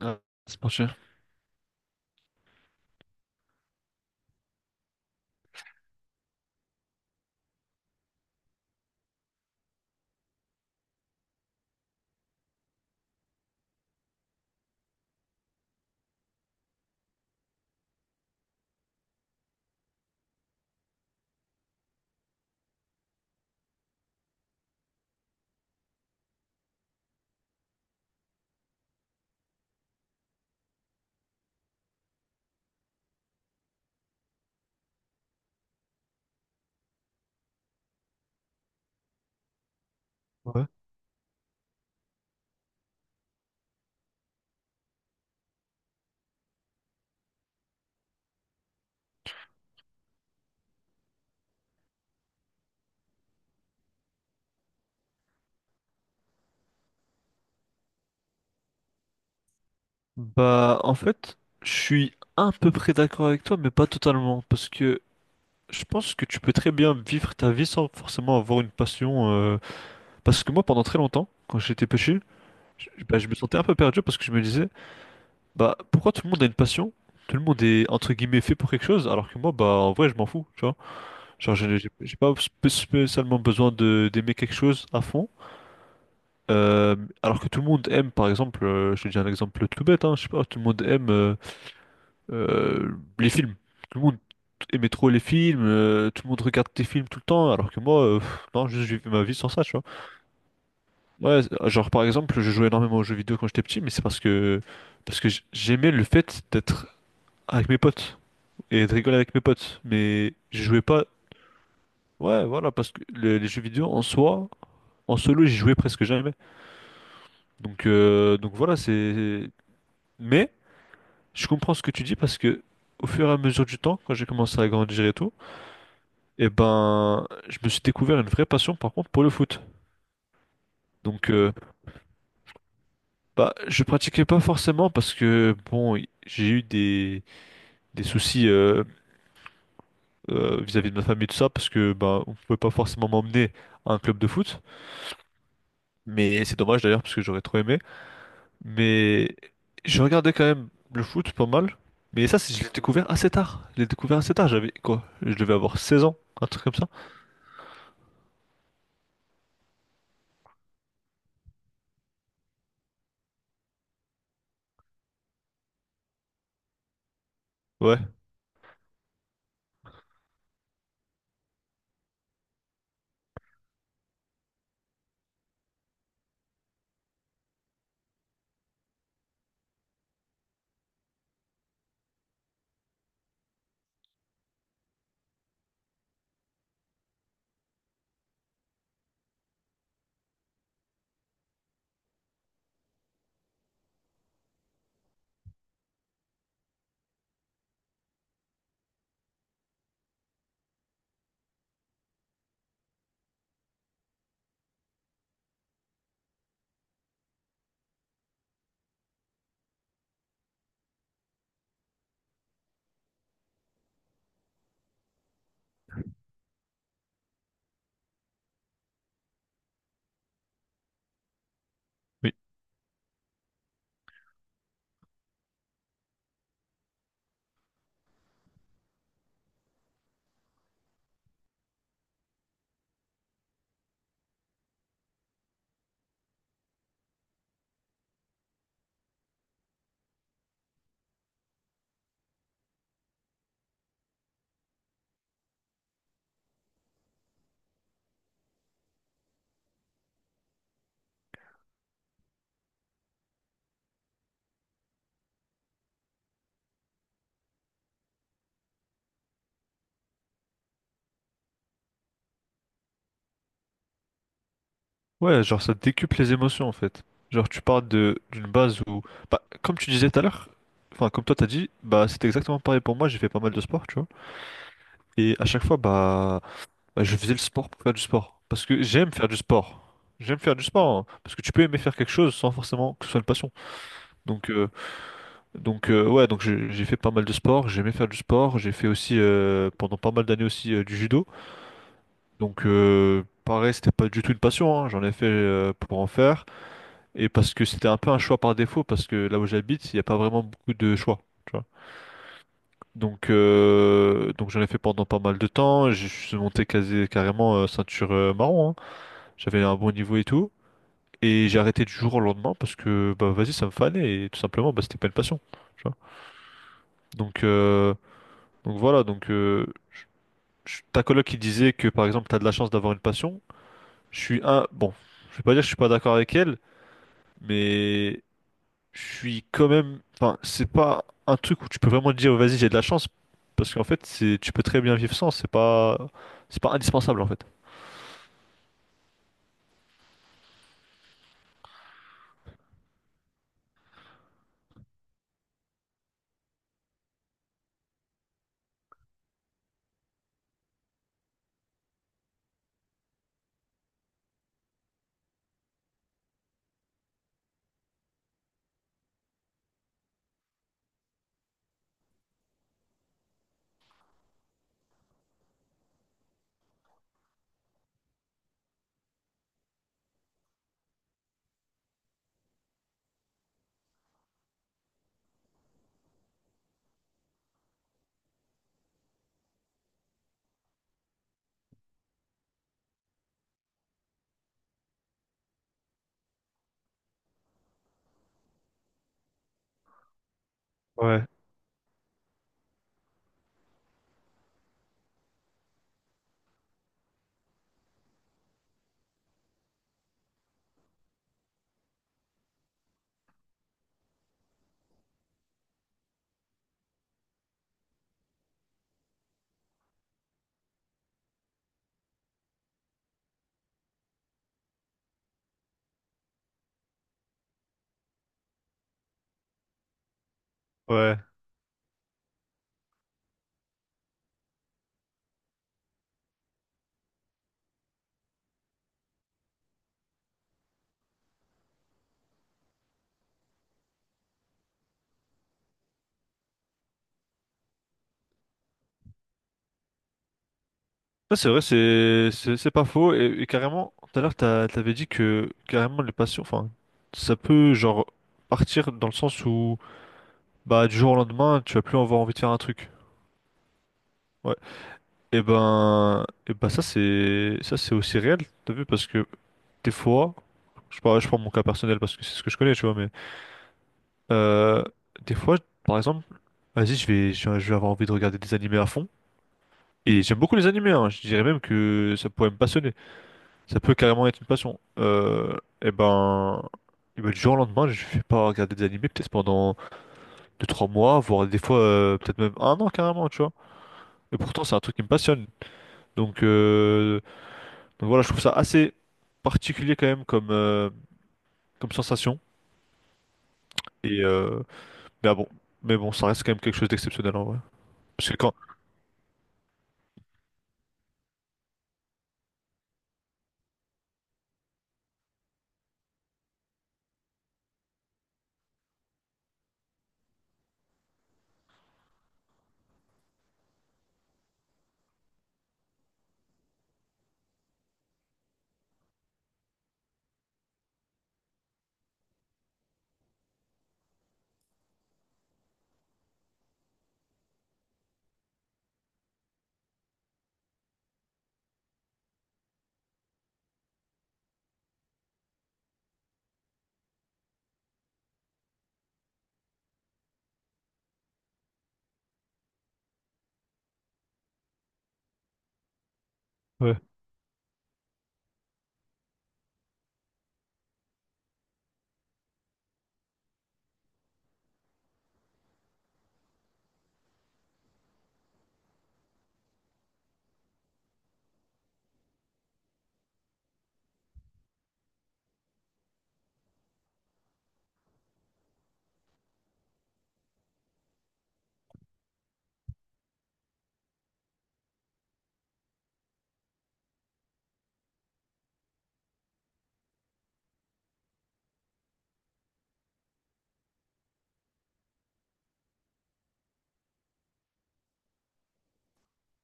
Ah, c'est pas cher. Ouais. Bah, en fait, je suis à peu près d'accord avec toi, mais pas totalement, parce que je pense que tu peux très bien vivre ta vie sans forcément avoir une passion. Parce que moi, pendant très longtemps, quand j'étais petit, bah, je me sentais un peu perdu parce que je me disais, bah, pourquoi tout le monde a une passion? Tout le monde est entre guillemets fait pour quelque chose, alors que moi, bah, en vrai, je m'en fous, tu vois. Genre, j'ai pas spécialement besoin de d'aimer quelque chose à fond. Euh, alors que tout le monde aime, par exemple, je te dis un exemple tout bête, hein, je sais pas, tout le monde aime. Euh, les films, tout le monde aimait trop les films, tout le monde regarde des films tout le temps, alors que moi, pff, non, juste j'ai fait ma vie sans ça, tu vois. Ouais, genre par exemple, je jouais énormément aux jeux vidéo quand j'étais petit, mais c'est parce que j'aimais le fait d'être avec mes potes et de rigoler avec mes potes, mais je jouais pas. Ouais, voilà, parce que les jeux vidéo en soi, en solo, j'y jouais presque jamais. Donc donc voilà, c'est. Mais je comprends ce que tu dis parce que au fur et à mesure du temps, quand j'ai commencé à grandir et tout. Et ben, je me suis découvert une vraie passion par contre pour le foot. Donc bah, je pratiquais pas forcément parce que bon, j'ai eu des soucis vis-à-vis de ma famille tout ça parce que bah, on pouvait pas forcément m'emmener à un club de foot. Mais c'est dommage d'ailleurs parce que j'aurais trop aimé. Mais je regardais quand même le foot pas mal. Mais ça, je l'ai découvert assez tard. Je l'ai découvert assez tard. J'avais quoi? Je devais avoir 16 ans, un truc comme ça. Ouais. Oui. Ouais, genre ça décuple les émotions en fait. Genre tu pars de d'une base où bah comme tu disais tout à l'heure, enfin comme toi t'as dit, bah c'était exactement pareil pour moi, j'ai fait pas mal de sport, tu vois. Et à chaque fois bah, bah, je faisais le sport pour faire du sport parce que j'aime faire du sport. J'aime faire du sport hein, parce que tu peux aimer faire quelque chose sans forcément que ce soit une passion. Donc euh, donc ouais, donc j'ai fait pas mal de sport, j'aimais faire du sport, j'ai fait aussi pendant pas mal d'années aussi du judo. Donc pareil, c'était pas du tout une passion, hein, j'en ai fait pour en faire. Et parce que c'était un peu un choix par défaut, parce que là où j'habite, il n'y a pas vraiment beaucoup de choix. Tu vois. Donc donc j'en ai fait pendant pas mal de temps. Je suis monté quasi, carrément ceinture marron. Hein. J'avais un bon niveau et tout. Et j'ai arrêté du jour au lendemain parce que bah vas-y, ça me fanait et tout simplement bah, c'était pas une passion. Tu vois. Donc donc voilà. Donc je- ta coloc qui disait que par exemple t'as de la chance d'avoir une passion. Je suis un bon. Je vais pas dire que je suis pas d'accord avec elle, mais je suis quand même. Enfin, c'est pas un truc où tu peux vraiment te dire, vas-y, j'ai de la chance. Parce qu'en fait, c'est tu peux très bien vivre sans. C'est pas indispensable en fait. Ouais, ouais. Ouais, c'est vrai, c'est pas faux. Et carrément, tout à l'heure, t'avais dit que carrément les passions, enfin, ça peut genre partir dans le sens où bah du jour au lendemain, tu vas plus avoir envie de faire un truc. Ouais. Et ben ça c'est aussi réel, t'as vu, parce que des fois, je parle, je prends mon cas personnel parce que c'est ce que je connais, tu vois, mais Euh, des fois, par exemple, vas-y, je vais avoir envie de regarder des animés à fond. Et j'aime beaucoup les animés, hein. Je dirais même que ça pourrait me passionner. Ça peut carrément être une passion. Eh ben, du jour au lendemain, je vais pas regarder des animés peut-être pendant deux trois mois, voire des fois peut-être même un an carrément, tu vois. Et pourtant, c'est un truc qui me passionne. Donc donc voilà, je trouve ça assez particulier quand même comme, comme sensation. Et mais ah bon, mais bon, ça reste quand même quelque chose d'exceptionnel en vrai. Parce que quand... Ouais,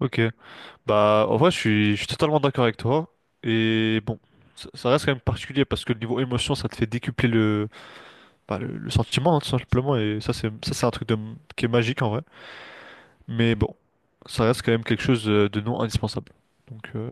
ok. Bah, en vrai, je suis totalement d'accord avec toi. Et bon, ça reste quand même particulier parce que le niveau émotion, ça te fait décupler bah, le sentiment, hein, tout simplement. Et ça, c'est un truc de, qui est magique en vrai. Mais bon, ça reste quand même quelque chose de non indispensable. Donc,